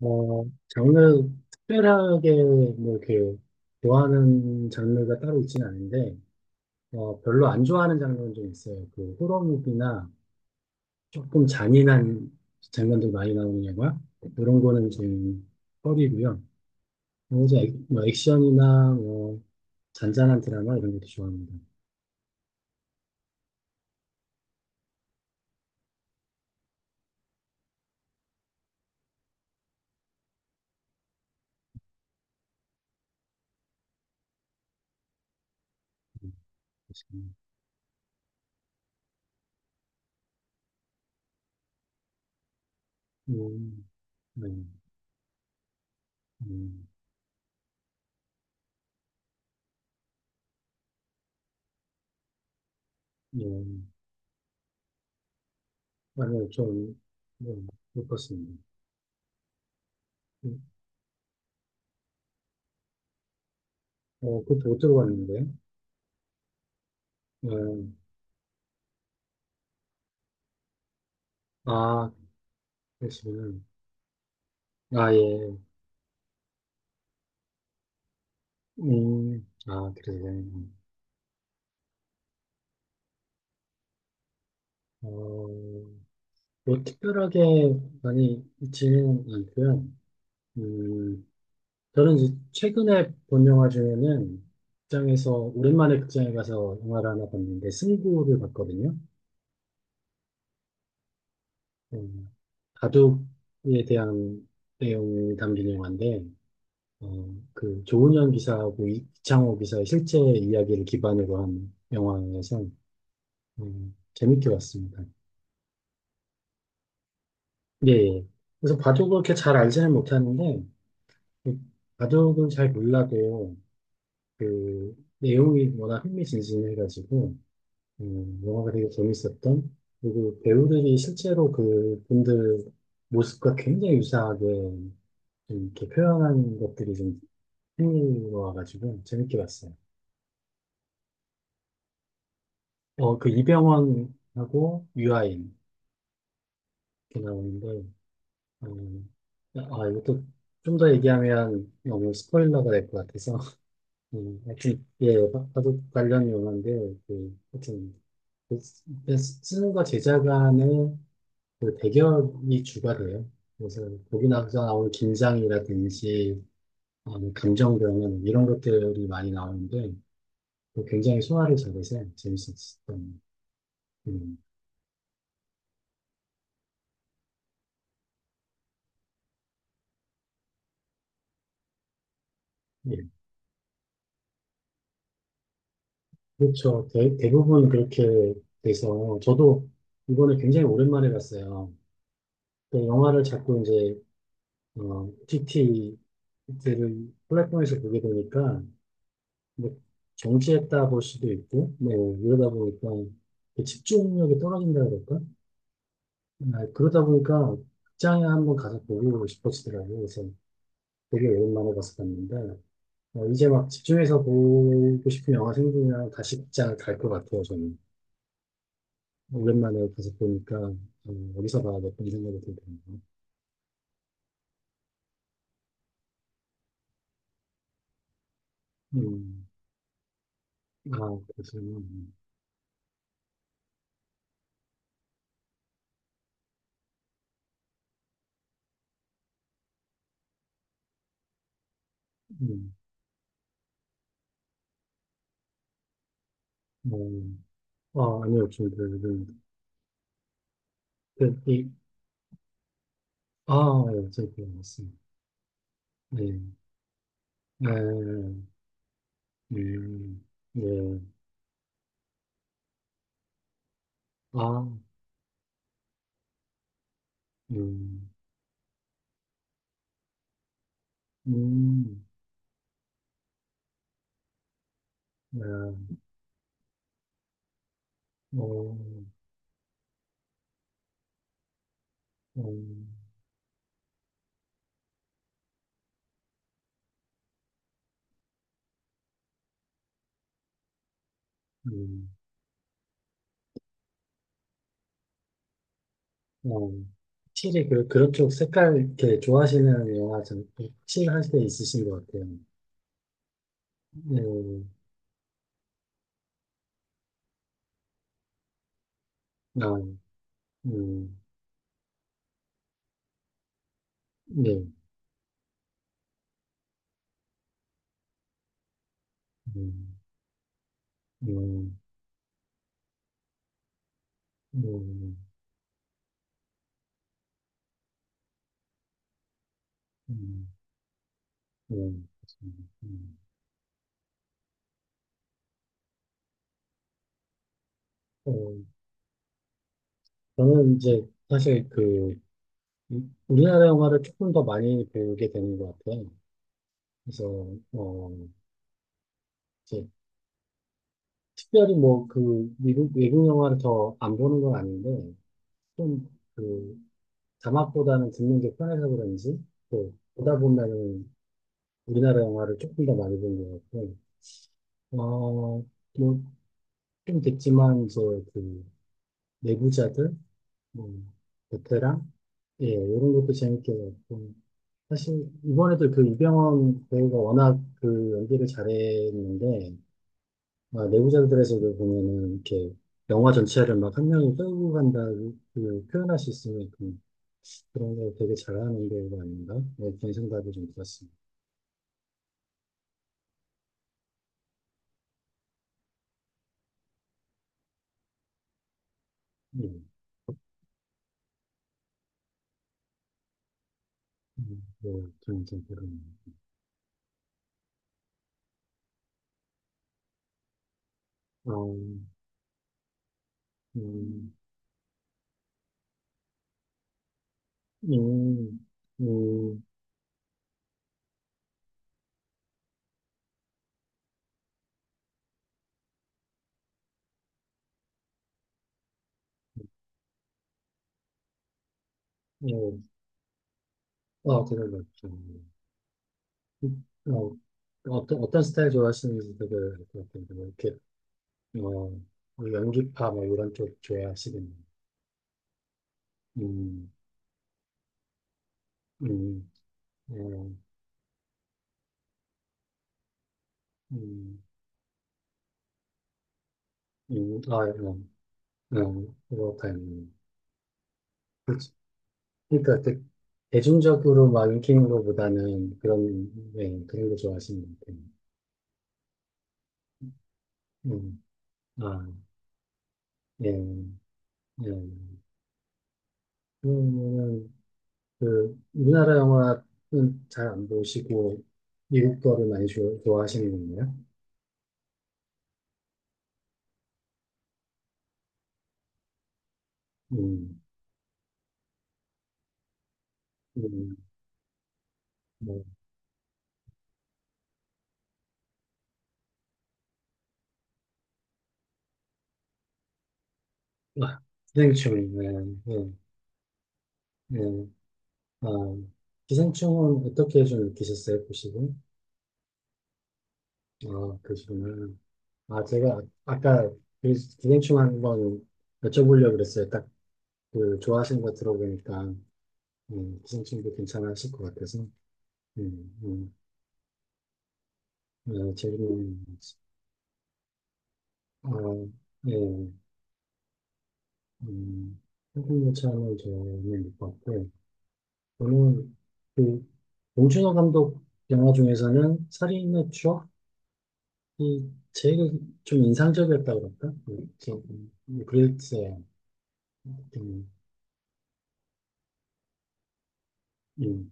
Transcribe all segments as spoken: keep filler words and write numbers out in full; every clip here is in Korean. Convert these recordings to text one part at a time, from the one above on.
어, 장르 특별하게 뭐 이렇게 좋아하는 장르가 따로 있지는 않은데 어, 별로 안 좋아하는 장르는 좀 있어요. 그 호러 무비나 조금 잔인한 장면들 많이 나오는 영화 이런 거는 좀 꺼리고요. 그래서 액, 뭐 액션이나 뭐 잔잔한 드라마 이런 것도 좋아합니다. 음. 음. 음. 음. 음. 음. 아니요, 좀, 음, 못 봤습니다. 음, 어, 그것도 못 들어봤는데. 음. 아, 그러시구나. 아, 예. 음, 아, 그러세요. 어, 뭐, 특별하게 많이 있지는 않고요. 음, 저는 이제 최근에 본 영화 중에는 극장에서, 오랜만에 극장에 가서 영화를 하나 봤는데, 승부를 봤거든요. 음, 바둑에 대한 내용이 담긴 영화인데, 어, 그, 조은현 기사하고 이- 창호 기사의 실제 이야기를 기반으로 한 영화에서, 음, 재밌게 봤습니다. 예. 예. 그래서 바둑을 그렇게 잘 알지는 못하는데, 그 바둑은 잘 몰라도, 그, 내용이 워낙 흥미진진해가지고, 음, 영화가 되게 재밌었던, 그리고 배우들이 실제로 그 분들 모습과 굉장히 유사하게 좀 이렇게 표현한 것들이 좀 흥미로워가지고, 재밌게 봤어요. 어, 그 이병헌하고 유아인, 이렇게 나오는데, 음, 아, 이것도 좀 더 얘기하면 너무 스포일러가 될 것 같아서, 음, 하여튼, 예, 화- 화 관련 용어인데, 그, 하여튼, 그 쓰- 그 쓰- 는과 제작 간의 그 대결이 주가 돼요. 그래서 거기 나서 나오는 긴장이라든지, 어, 감정 변화, 이런 것들이 많이 나오는데, 그 굉장히 소화를 잘해서 재밌었던, 음, 예. 그렇죠. 대, 대부분 그렇게 돼서, 저도 이번에 굉장히 오랜만에 봤어요. 그 영화를 자꾸 이제, 어, 티티, 들을 플랫폼에서 보게 되니까 뭐 정지했다 볼 수도 있고, 네, 이러다 보니까 그 집중력이 떨어진다 그럴까? 아, 그러다 보니까 극장에 한번 가서 보고 싶어지더라고요. 그래서 되게 오랜만에 가서 봤는데, 어, 이제 막 집중해서 보고 싶은 영화 생기면 다시 극장을 갈 것 같아요, 저는. 오랜만에 가서 보니까, 어, 어디서 봐야 될까 이런 생각이 들더라고요. 음, 아, 그래서, 음, 음, 어, 아, 아니요, 좀, 그, 그, 그, 이, 아, 예, 저기, 맞습 네. 네. 음. 네. 아. 음. 음. 네. 어. 음. 음. 어. 확실히 그, 그런 쪽 색깔 이렇게 좋아하시는 영화 좀 확실히 할 때 있으신 것 같아요. 네. 아. 음. 네. 음. 음. 음. 음. 음. 그렇습니다. 음. 어, 저는 이제 사실 그, 우리나라 영화를 조금 더 많이 배우게 되는 것 같아요. 그래서 어 이제 특별히 뭐 그 미국 외국 영화를 더 안 보는 건 아닌데 좀 그 자막보다는 듣는 게 편해서 그런지 또 보다 보면은 우리나라 영화를 조금 더 많이 본 것 같고 어뭐좀 됐지만 이제 그 내부자들 뭐 베테랑 예 이런 것도 재밌게 봤고 사실 이번에도 그 이병헌 배우가 워낙 그 연기를 잘했는데 아, 내부자들에서도 보면은 이렇게 영화 전체를 막 한 명이 끌고 간다 그 그 표현할 수 있으니까 그런 걸 되게 잘하는 게 이거 아닌가? 네, 그런 생각이 좀 들었습니다. 네. 음. 뭐 그런 좀 그런. 어. 음. 음. 음. 어, 아, 그런 것 같아요. 음, 어, 어떤 어떤 스타일 좋아하시는지 되게 그렇게 이렇게 어, 연기파 뭐 이런 쪽 좋아하시겠네요. 음. 음. 어. 음. 음, 아, 음, 음, 그렇다. 그치. 그러니까 대, 대중적으로 막 인기 있는 것보다는 그런, 예, 그런 거 좋아하시는 것 같아요. 음. 아, 예, 예. 그러면은, 그, 우리나라 영화는 잘 안 보시고, 미국 거를 많이 좋아- 좋아하시는 건가요? 음. 음. 뭐. 아, 기생충, 예, 예, 예. 아, 기생충은 어떻게 좀 느끼셨어요, 보시고? 아, 그러시구나. 아, 제가 아- 아까 그 기생충 한번 여쭤보려고 그랬어요. 딱 그 좋아하시는 거 들어보니까 음, 기생충도 괜찮으실 것 같아서. 음. 음. 네, 재밌는. 아, 예. 음, 한국무차는 저는 못 봤고, 저는 그 봉준호 감독 영화 중에서는 살인의 추억이 제일 좀 인상적이었다고 그럴까? 음, 좀, 음, 그랬어요. 음. 음.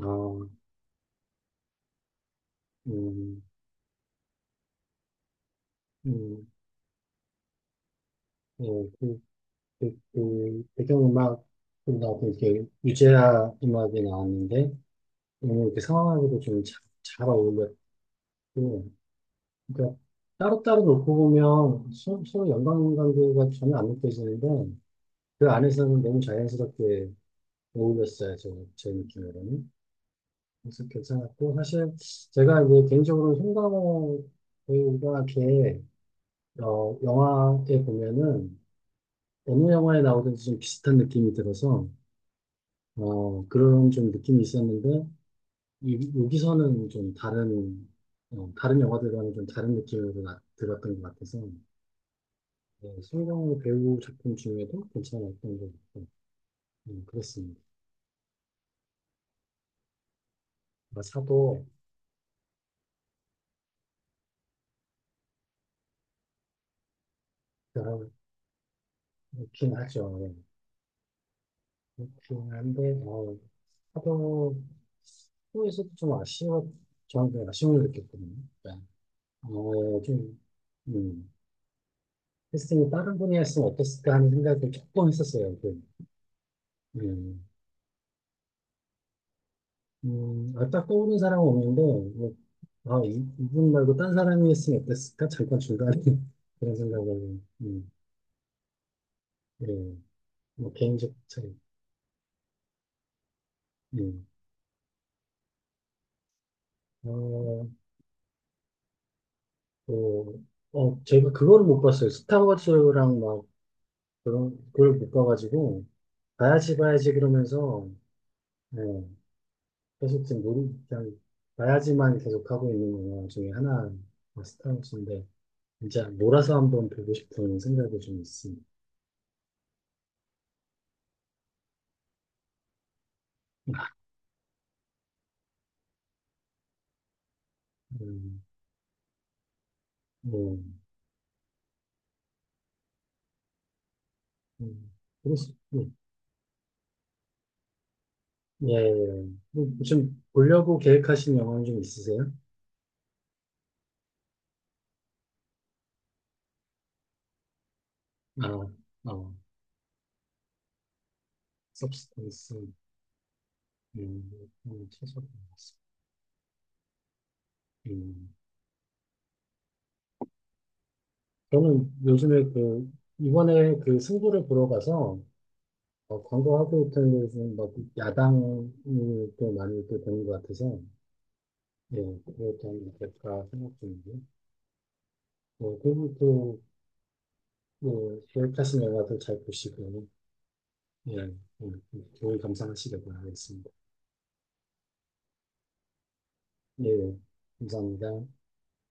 아. 음. 음. 예, 그, 그, 그, 배경음악 나도 이렇게 유재하 음악이 나왔는데, 오늘 이렇게 상황하고도 좀 잘, 잘 어울렸고, 그러니까 따로따로 놓고 보면 서- 서로 연관관계가 전혀 안 느껴지는데, 그 안에서는 너무 자연스럽게 어울렸어요, 저, 제 느낌으로는. 그래서 괜찮았고, 사실 제가 이제 개인적으로 송강호 배우가 이렇게, 어, 영화에 보면은, 어느 영화에 나오든지 좀 비슷한 느낌이 들어서, 어, 그런 좀 느낌이 있었는데, 이, 여기서는 좀 다른, 어, 다른 영화들과는 좀 다른 느낌으로 나- 들었던 것 같아서, 네, 송강호 배우 작품 중에도 괜찮았던 것 같고, 음, 그렇습니다. 아마 사도 별 좋긴 하죠. 좋긴 한데, 어, 사도 후에서도 좀 아쉬워, 저한테 아쉬움을 느꼈거든요. 그러니까, 어, 좀, 음. 했으니 다른 분이 했으면 어땠을까 하는 생각을 조금 했었어요. 그, 음, 음, 아, 딱 떠오르는 사람은 없는데, 뭐, 아, 이, 이분 말고 딴 사람이 했으면 어땠을까? 잠깐 중간에 그런 생각을, 음, 예, 뭐, 개인적 차이. 음. 어, 또, 어, 제가 그걸 못 봤어요. 스타워즈랑 막, 그런, 그걸 못 봐가지고, 봐야지, 봐야지 그러면서, 예, 계속 지금 놀이, 그냥, 봐야지만 계속 하고 있는 영화 중에 하나, 스타워즈인데, 이제 몰아서 한번 보고 싶은 생각이 좀 있습니다. 음. 뭐. 음. 그렇습- 음. 예, 예. 예. 뭐, 지금 보려고 계획하신 영화는 좀 있으세요? 아. 어, 서브스턴스, 음, 음, 최소 음. 저는 요즘에 그, 이번에 그 승부를 보러 가서, 어, 광고하고 있던 데서 막 야당을 또 많이 또 보는 것 같아서, 예, 그것도 한번 볼까 생각 중이고요. 뭐, 그리고 또 네, 계획하신 영화도 잘 보시고, 예, 예, 예, 좋은 감상하시길 바라겠습니다. 예, 감사합니다.